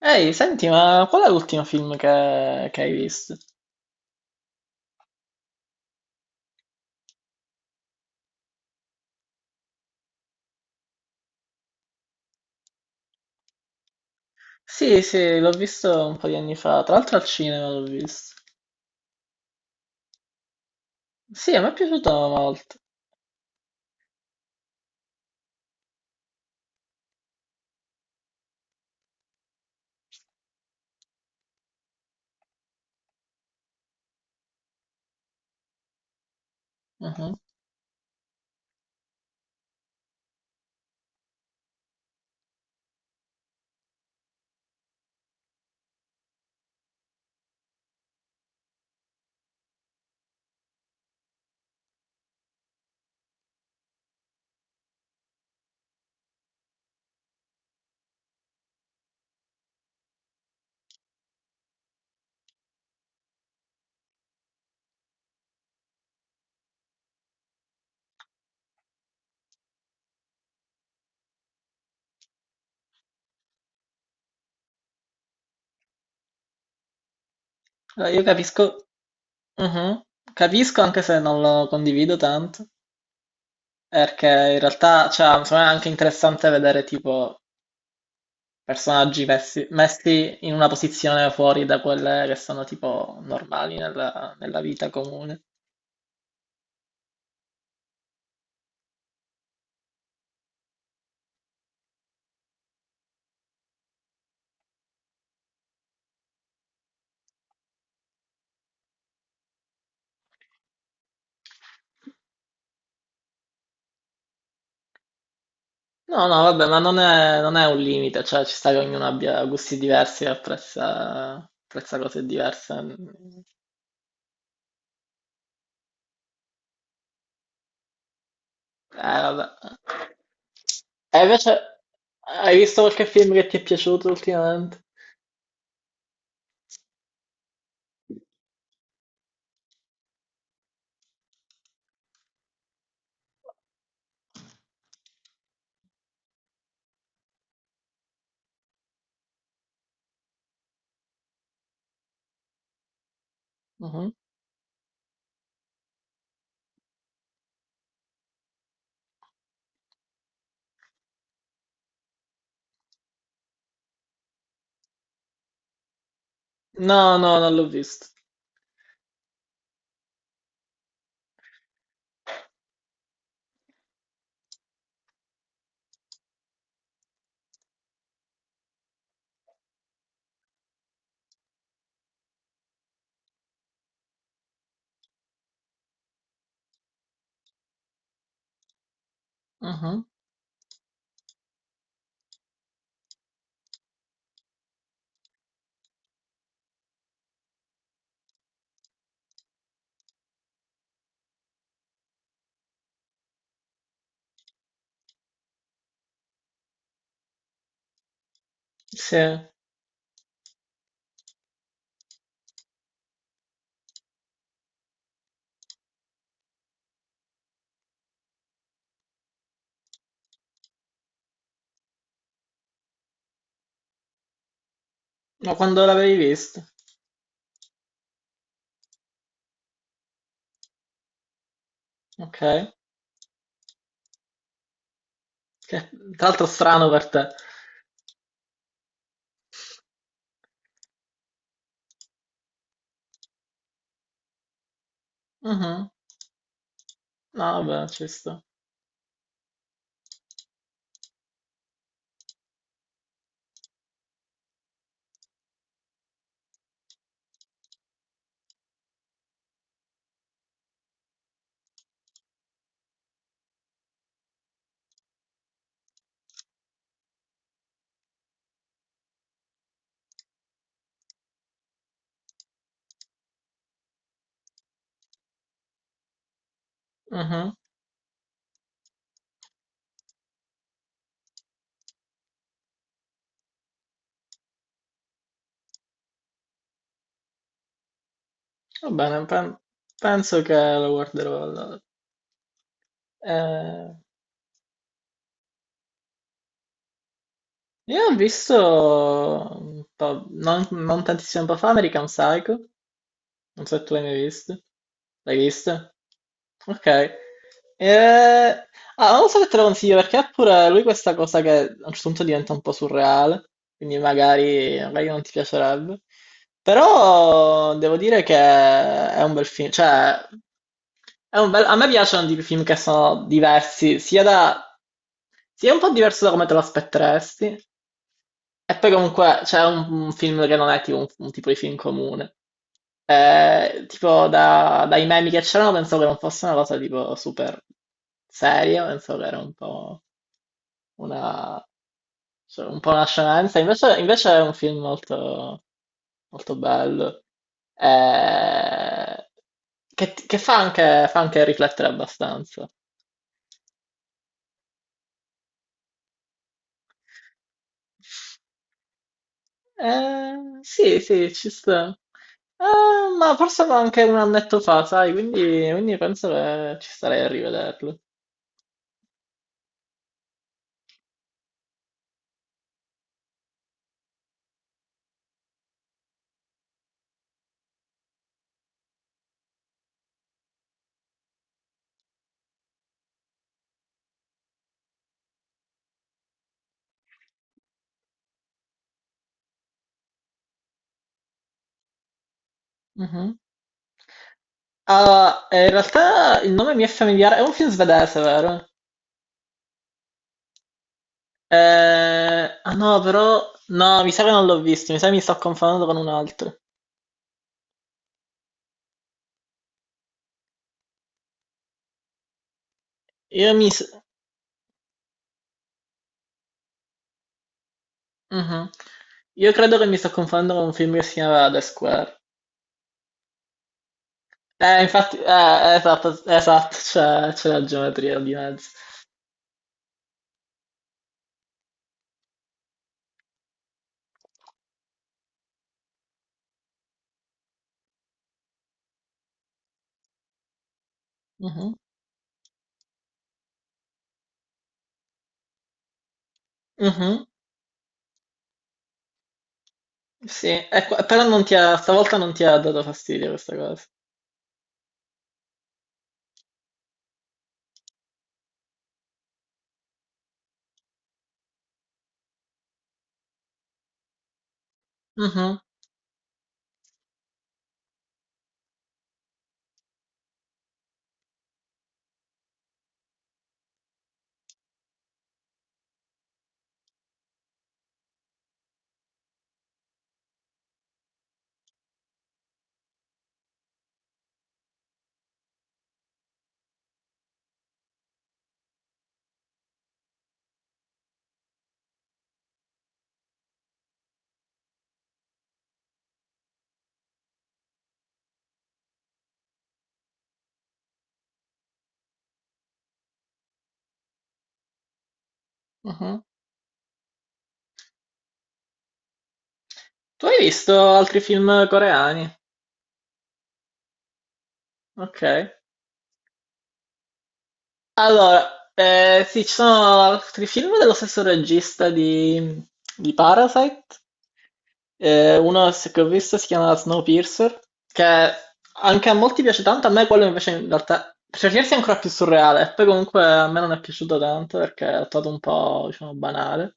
Ehi, senti, ma qual è l'ultimo film che hai visto? Sì, sì, l'ho visto un po' di anni fa, tra l'altro al cinema l'ho visto. Sì, a me è piaciuto molto. Mhm. Io capisco, mhm. Capisco anche se non lo condivido tanto, perché in realtà, cioè, insomma, è anche interessante vedere tipo personaggi messi in una posizione fuori da quelle che sono tipo normali nella vita comune. No, no, vabbè, ma non è un limite, cioè ci sta che ognuno abbia gusti diversi e apprezza, apprezza cose diverse. Vabbè. E invece, hai visto qualche film che ti è piaciuto ultimamente? Mhm. No, no, non l'ho visto. Mhm. Sì, ma quando l'avevi visto? Ok, che tra l'altro strano per te. Mhm. No, vabbè, ci sta. Mhm. Va bene, penso che lo guarderò allora. Eh, io ho visto un po', non tantissimo tempo fa, American Psycho. Non so se tu l'hai mai visto. L'hai visto? Ok. Eh, ah, non so se te lo consiglio perché ha pure lui questa cosa che a un certo punto diventa un po' surreale, quindi magari non ti piacerebbe. Però devo dire che è un bel film, cioè a me piacciono di film che sono diversi, sia da... sia un po' diverso da come te lo aspetteresti, e poi comunque c'è un film che non è tipo un tipo di film comune. Tipo dai meme che c'erano pensavo che non fosse una cosa tipo super seria, pensavo che era un po' una, cioè, un po' una scemenza, invece è un film molto, molto bello, eh, che fa anche riflettere abbastanza. Eh, sì, sì, ci sta. Ma forse anche un annetto fa, sai, quindi, quindi penso che ci starei a rivederlo. Mhm. Ah, in realtà il nome mi è familiare. È un film svedese, vero? Ah no, però. No, mi sa che non l'ho visto. Mi sa che mi sto confondendo con un altro. Io mi. s- Mhm. Io credo che mi sto confondendo con un film che si chiama The Square. Infatti. Esatto, esatto. C'è la geometria di mezzo. Mhm, mhm. Sì, e però non ti ha, stavolta non ti ha dato fastidio questa cosa. Mhm, mhm. Tu hai visto altri film coreani? Ok. Allora, sì, ci sono altri film dello stesso regista di Parasite. Uno se- che ho visto si chiama Snowpiercer, che anche a molti piace tanto, a me quello invece in realtà per certi versi è ancora più surreale. Poi comunque a me non è piaciuto tanto perché l'ho trovato un po', diciamo, banale.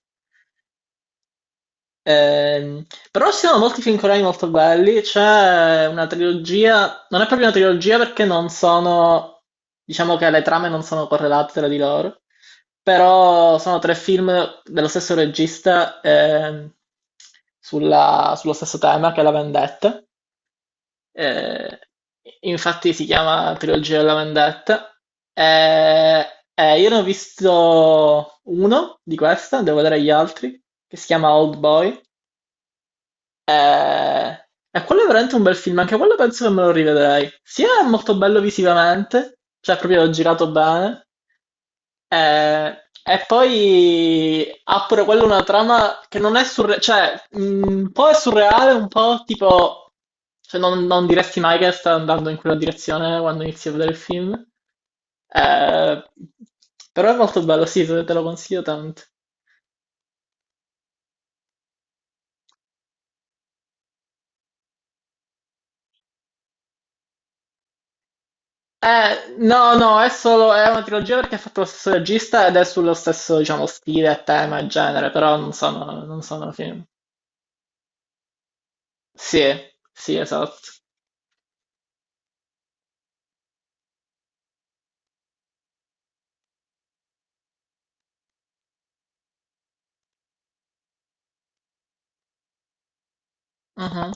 Ehm, però ci sono molti film coreani molto belli. C'è una trilogia, non è proprio una trilogia perché non sono, diciamo che le trame non sono correlate tra di loro, però sono tre film dello stesso regista sullo stesso tema che è la vendetta. Eh, infatti si chiama Trilogia della vendetta. Eh, io ne ho visto uno di questa, devo vedere gli altri, che si chiama Old Boy. Eh, quello è veramente un bel film, anche quello penso che me lo rivedrei. Sia è molto bello visivamente, cioè proprio l'ho girato bene, eh, e poi ha pure quello una trama che non è surreale, cioè un po' è surreale, un po' tipo, cioè non diresti mai che sta andando in quella direzione quando inizi a vedere il film. Eh, però è molto bello, sì, te te lo consiglio tanto. No, no, è solo, è una trilogia perché è fatto lo stesso regista ed è sullo stesso, diciamo, stile, tema e genere, però non sono film. Sì, sì, esatto. Mhm.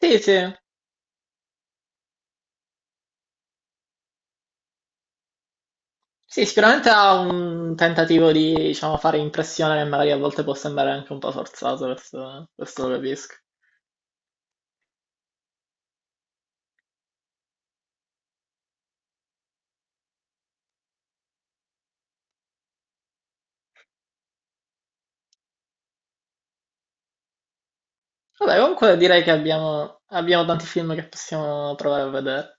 Sì, sì. Sì, sicuramente ha un tentativo di, diciamo, fare impressione che magari a volte può sembrare anche un po' forzato, questo lo capisco. Vabbè, comunque direi che abbiamo tanti film che possiamo provare a vedere.